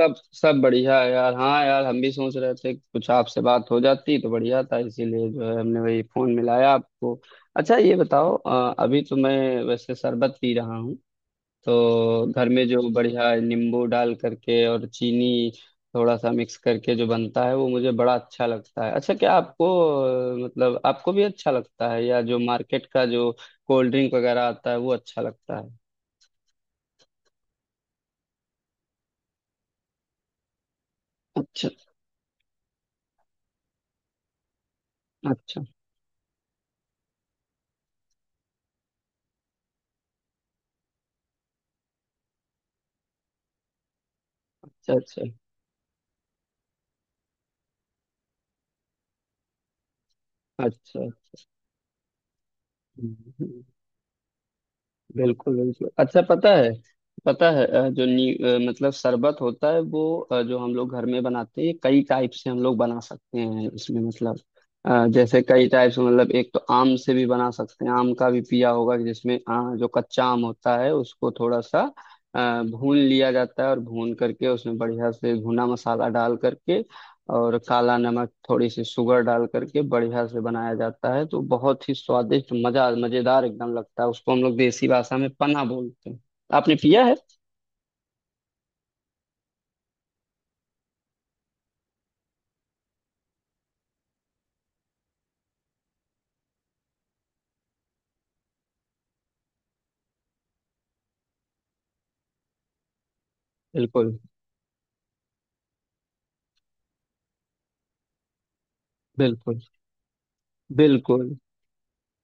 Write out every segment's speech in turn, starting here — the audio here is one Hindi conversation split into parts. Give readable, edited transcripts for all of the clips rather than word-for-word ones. सब सब बढ़िया है यार। हाँ यार, हम भी सोच रहे थे कि कुछ आपसे बात हो जाती तो बढ़िया था, इसीलिए जो है हमने वही फोन मिलाया आपको। अच्छा, ये बताओ, अभी तो मैं वैसे शरबत पी रहा हूँ। तो घर में जो बढ़िया नींबू डाल करके और चीनी थोड़ा सा मिक्स करके जो बनता है वो मुझे बड़ा अच्छा लगता है। अच्छा, क्या आपको मतलब आपको भी अच्छा लगता है, या जो मार्केट का जो कोल्ड ड्रिंक वगैरह आता है वो अच्छा लगता है? अच्छा। अच्छा। अच्छा। अच्छा। अच्छा। बिल्कुल बिल्कुल। अच्छा, पता है, पता है जो मतलब शरबत होता है वो, जो हम लोग घर में बनाते हैं, ये कई टाइप से हम लोग बना सकते हैं। इसमें मतलब जैसे कई टाइप से, मतलब एक तो आम से भी बना सकते हैं। आम का भी पिया होगा, जिसमें जो कच्चा आम होता है उसको थोड़ा सा भून लिया जाता है, और भून करके उसमें बढ़िया से भुना मसाला डाल करके और काला नमक थोड़ी सी शुगर डाल करके बढ़िया से बनाया जाता है, तो बहुत ही स्वादिष्ट, मजा मजेदार एकदम लगता है। उसको हम लोग देसी भाषा में पन्ना बोलते हैं। आपने पिया है? बिल्कुल बिल्कुल। बिल्कुल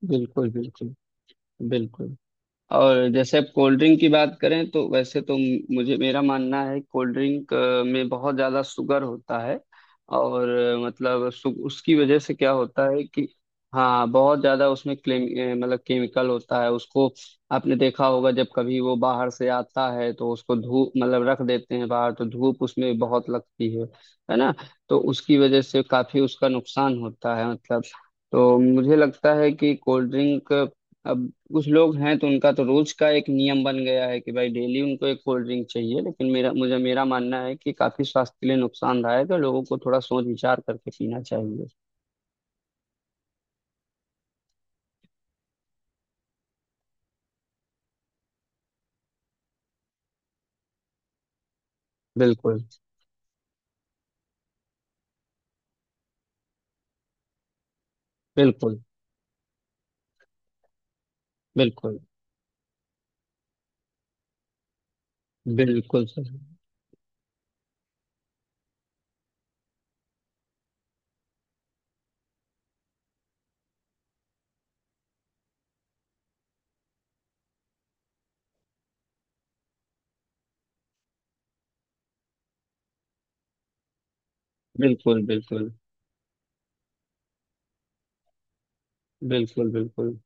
बिल्कुल। बिल्कुल बिल्कुल। और जैसे आप कोल्ड ड्रिंक की बात करें, तो वैसे तो मुझे, मेरा मानना है कोल्ड ड्रिंक में बहुत ज़्यादा शुगर होता है। और मतलब उसकी वजह से क्या होता है कि हाँ, बहुत ज़्यादा उसमें क्लेम मतलब केमिकल होता है उसको। आपने देखा होगा जब कभी वो बाहर से आता है तो उसको धूप, मतलब रख देते हैं बाहर, तो धूप उसमें बहुत लगती है ना? तो उसकी वजह से काफ़ी उसका नुकसान होता है, मतलब। तो मुझे लगता है कि कोल्ड ड्रिंक, अब कुछ लोग हैं तो उनका तो रोज का एक नियम बन गया है कि भाई डेली उनको एक कोल्ड ड्रिंक चाहिए, लेकिन मेरा, मुझे मेरा मानना है कि काफी स्वास्थ्य के लिए नुकसानदायक है। लोगों को थोड़ा सोच विचार करके पीना चाहिए। बिल्कुल बिल्कुल। बिल्कुल बिल्कुल सही। बिल्कुल बिल्कुल। बिल्कुल बिल्कुल।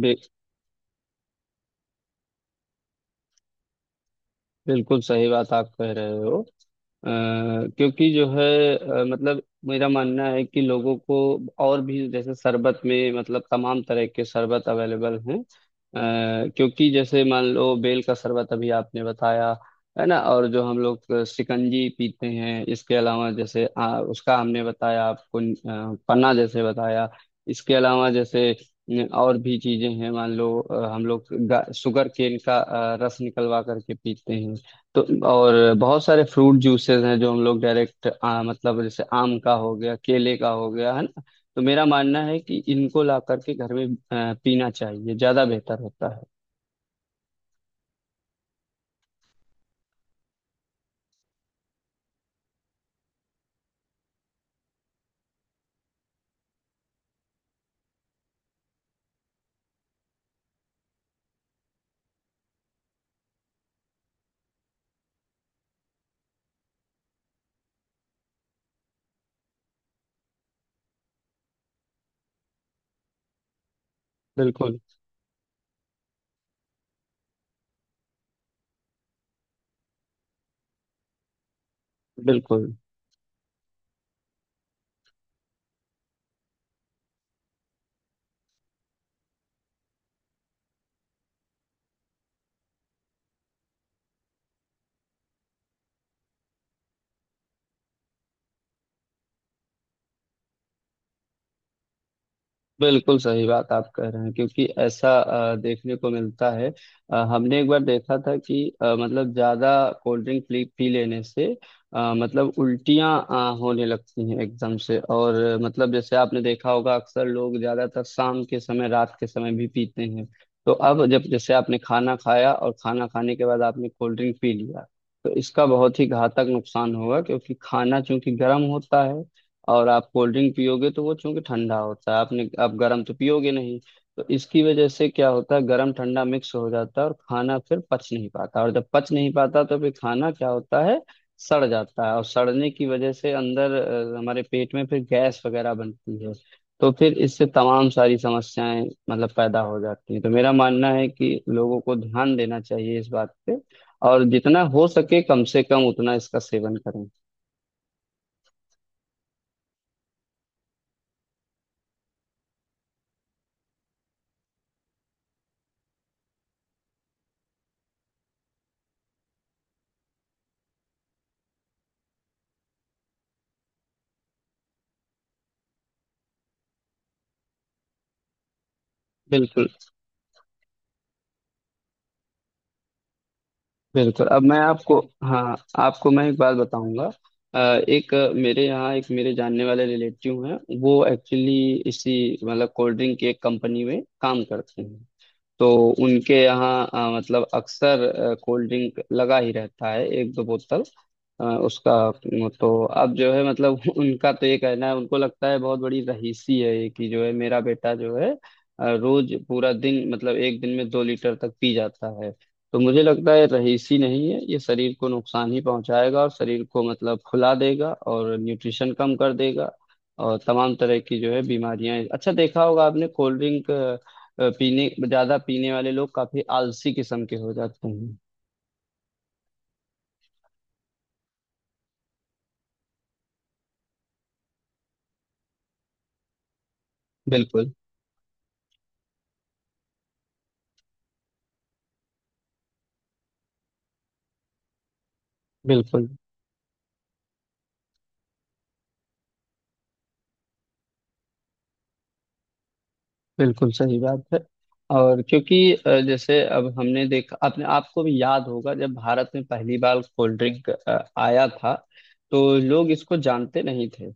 बे- बिल्कुल सही बात आप कह रहे हो। अ, क्योंकि जो है मतलब मेरा मानना है कि लोगों को, और भी जैसे शरबत में मतलब तमाम तरह के शरबत अवेलेबल हैं। क्योंकि जैसे मान लो बेल का शरबत अभी आपने बताया, है ना, और जो हम लोग शिकंजी पीते हैं, इसके अलावा जैसे उसका हमने बताया आपको, पन्ना जैसे बताया, इसके अलावा जैसे न, और भी चीजें हैं। मान लो हम लोग शुगर केन का रस निकलवा करके पीते हैं। तो और बहुत सारे फ्रूट जूसेस हैं जो हम लोग डायरेक्ट मतलब जैसे आम का हो गया, केले का हो गया, है ना। तो मेरा मानना है कि इनको ला करके घर में पीना चाहिए, ज्यादा बेहतर होता है। बिल्कुल बिल्कुल। बिल्कुल सही बात आप कह रहे हैं, क्योंकि ऐसा देखने को मिलता है। हमने एक बार देखा था कि मतलब ज्यादा कोल्ड ड्रिंक पी लेने से मतलब उल्टियां होने लगती हैं एकदम से। और मतलब जैसे आपने देखा होगा, अक्सर लोग ज्यादातर शाम के समय, रात के समय भी पीते हैं। तो अब जब जैसे आपने खाना खाया और खाना खाने के बाद आपने कोल्ड ड्रिंक पी लिया, तो इसका बहुत ही घातक नुकसान होगा, क्योंकि खाना चूंकि गर्म होता है और आप कोल्ड ड्रिंक पियोगे तो वो चूंकि ठंडा होता है, आपने आप गर्म तो पियोगे नहीं। तो इसकी वजह से क्या होता है, गर्म ठंडा मिक्स हो जाता है और खाना फिर पच नहीं पाता। और जब पच नहीं पाता तो फिर खाना क्या होता है, सड़ जाता है। और सड़ने की वजह से अंदर हमारे पेट में फिर गैस वगैरह बनती है। तो फिर इससे तमाम सारी समस्याएं मतलब पैदा हो जाती हैं। तो मेरा मानना है कि लोगों को ध्यान देना चाहिए इस बात पे, और जितना हो सके कम से कम उतना इसका सेवन करें। बिल्कुल बिल्कुल। अब मैं आपको हाँ, आपको मैं एक बात बताऊंगा। अ, एक मेरे यहाँ एक मेरे जानने वाले रिलेटिव हैं, वो एक्चुअली इसी मतलब कोल्ड ड्रिंक की एक कंपनी में काम करते हैं। तो उनके यहाँ मतलब अक्सर कोल्ड ड्रिंक लगा ही रहता है, एक दो बोतल उसका तो अब जो है मतलब उनका तो ये कहना है, उनको लगता है बहुत बड़ी रहीसी है ये कि जो है मेरा बेटा जो है रोज पूरा दिन, मतलब एक दिन में 2 लीटर तक पी जाता है। तो मुझे लगता है रहीसी नहीं है ये, शरीर को नुकसान ही पहुंचाएगा और शरीर को मतलब फुला देगा और न्यूट्रिशन कम कर देगा, और तमाम तरह की जो है बीमारियां। अच्छा, देखा होगा आपने, कोल्ड ड्रिंक पीने ज्यादा पीने वाले लोग काफी आलसी किस्म के हो जाते हैं। बिल्कुल बिल्कुल। बिल्कुल सही बात है। और क्योंकि जैसे अब हमने देखा अपने, आपको भी याद होगा जब भारत में पहली बार कोल्ड ड्रिंक आया था, तो लोग इसको जानते नहीं थे।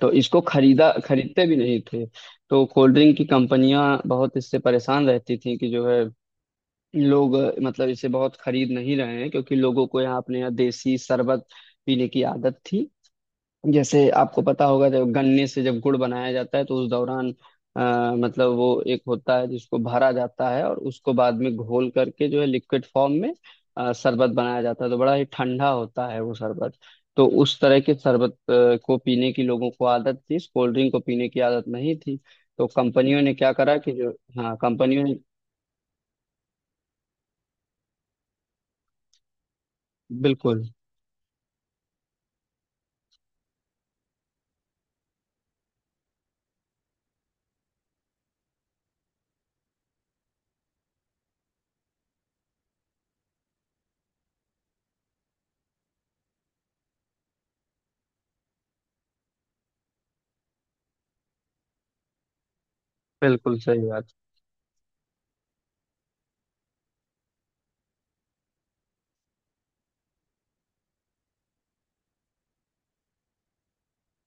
तो इसको खरीदा खरीदते भी नहीं थे। तो कोल्ड ड्रिंक की कंपनियां बहुत इससे परेशान रहती थी कि जो है, लोग मतलब इसे बहुत खरीद नहीं रहे हैं, क्योंकि लोगों को यहाँ, अपने यहाँ देसी शरबत पीने की आदत थी। जैसे आपको पता होगा जब गन्ने से जब गुड़ बनाया जाता है तो उस दौरान मतलब वो एक होता है जिसको भरा जाता है और उसको बाद में घोल करके जो है लिक्विड फॉर्म में शरबत बनाया जाता है, तो बड़ा ही ठंडा होता है वो शरबत। तो उस तरह के शरबत को पीने की लोगों को आदत थी, इस कोल्ड ड्रिंक को पीने की आदत नहीं थी। तो कंपनियों ने क्या करा कि जो हाँ, कंपनियों ने बिल्कुल बिल्कुल सही बात।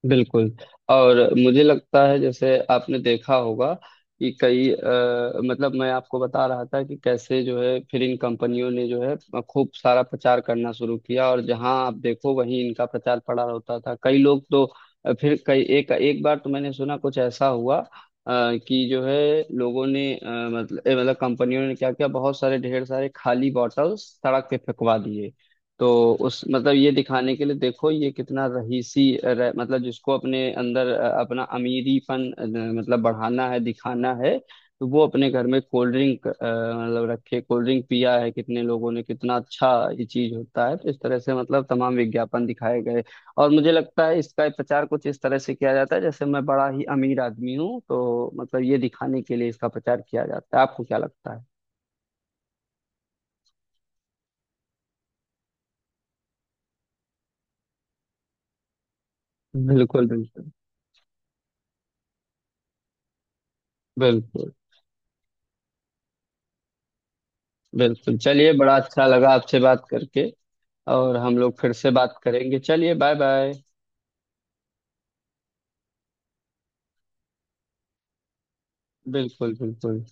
बिल्कुल। और मुझे लगता है जैसे आपने देखा होगा कि कई मतलब, मैं आपको बता रहा था कि कैसे जो है फिर इन कंपनियों ने जो है खूब सारा प्रचार करना शुरू किया और जहां आप देखो वहीं इनका प्रचार पड़ा रहता था। कई लोग तो फिर कई, एक एक बार तो मैंने सुना कुछ ऐसा हुआ कि जो है लोगों ने, मतलब कंपनियों ने क्या किया, बहुत सारे ढेर सारे खाली बॉटल्स सड़क पे फेंकवा दिए। तो उस मतलब ये दिखाने के लिए, देखो ये कितना रहीसी मतलब जिसको अपने अंदर अपना अमीरीपन मतलब बढ़ाना है, दिखाना है, तो वो अपने घर में कोल्ड ड्रिंक मतलब रखे, कोल्ड ड्रिंक पिया है कितने लोगों ने, कितना अच्छा ये चीज होता है। तो इस तरह से मतलब तमाम विज्ञापन दिखाए गए। और मुझे लगता है इसका प्रचार कुछ इस तरह से किया जाता है जैसे मैं बड़ा ही अमीर आदमी हूँ, तो मतलब ये दिखाने के लिए इसका प्रचार किया जाता है। आपको क्या लगता है? बिल्कुल बिल्कुल। बिल्कुल बिल्कुल, चलिए, बड़ा अच्छा लगा आपसे बात करके। और हम लोग फिर से बात करेंगे, चलिए, बाय बाय। बिल्कुल बिल्कुल।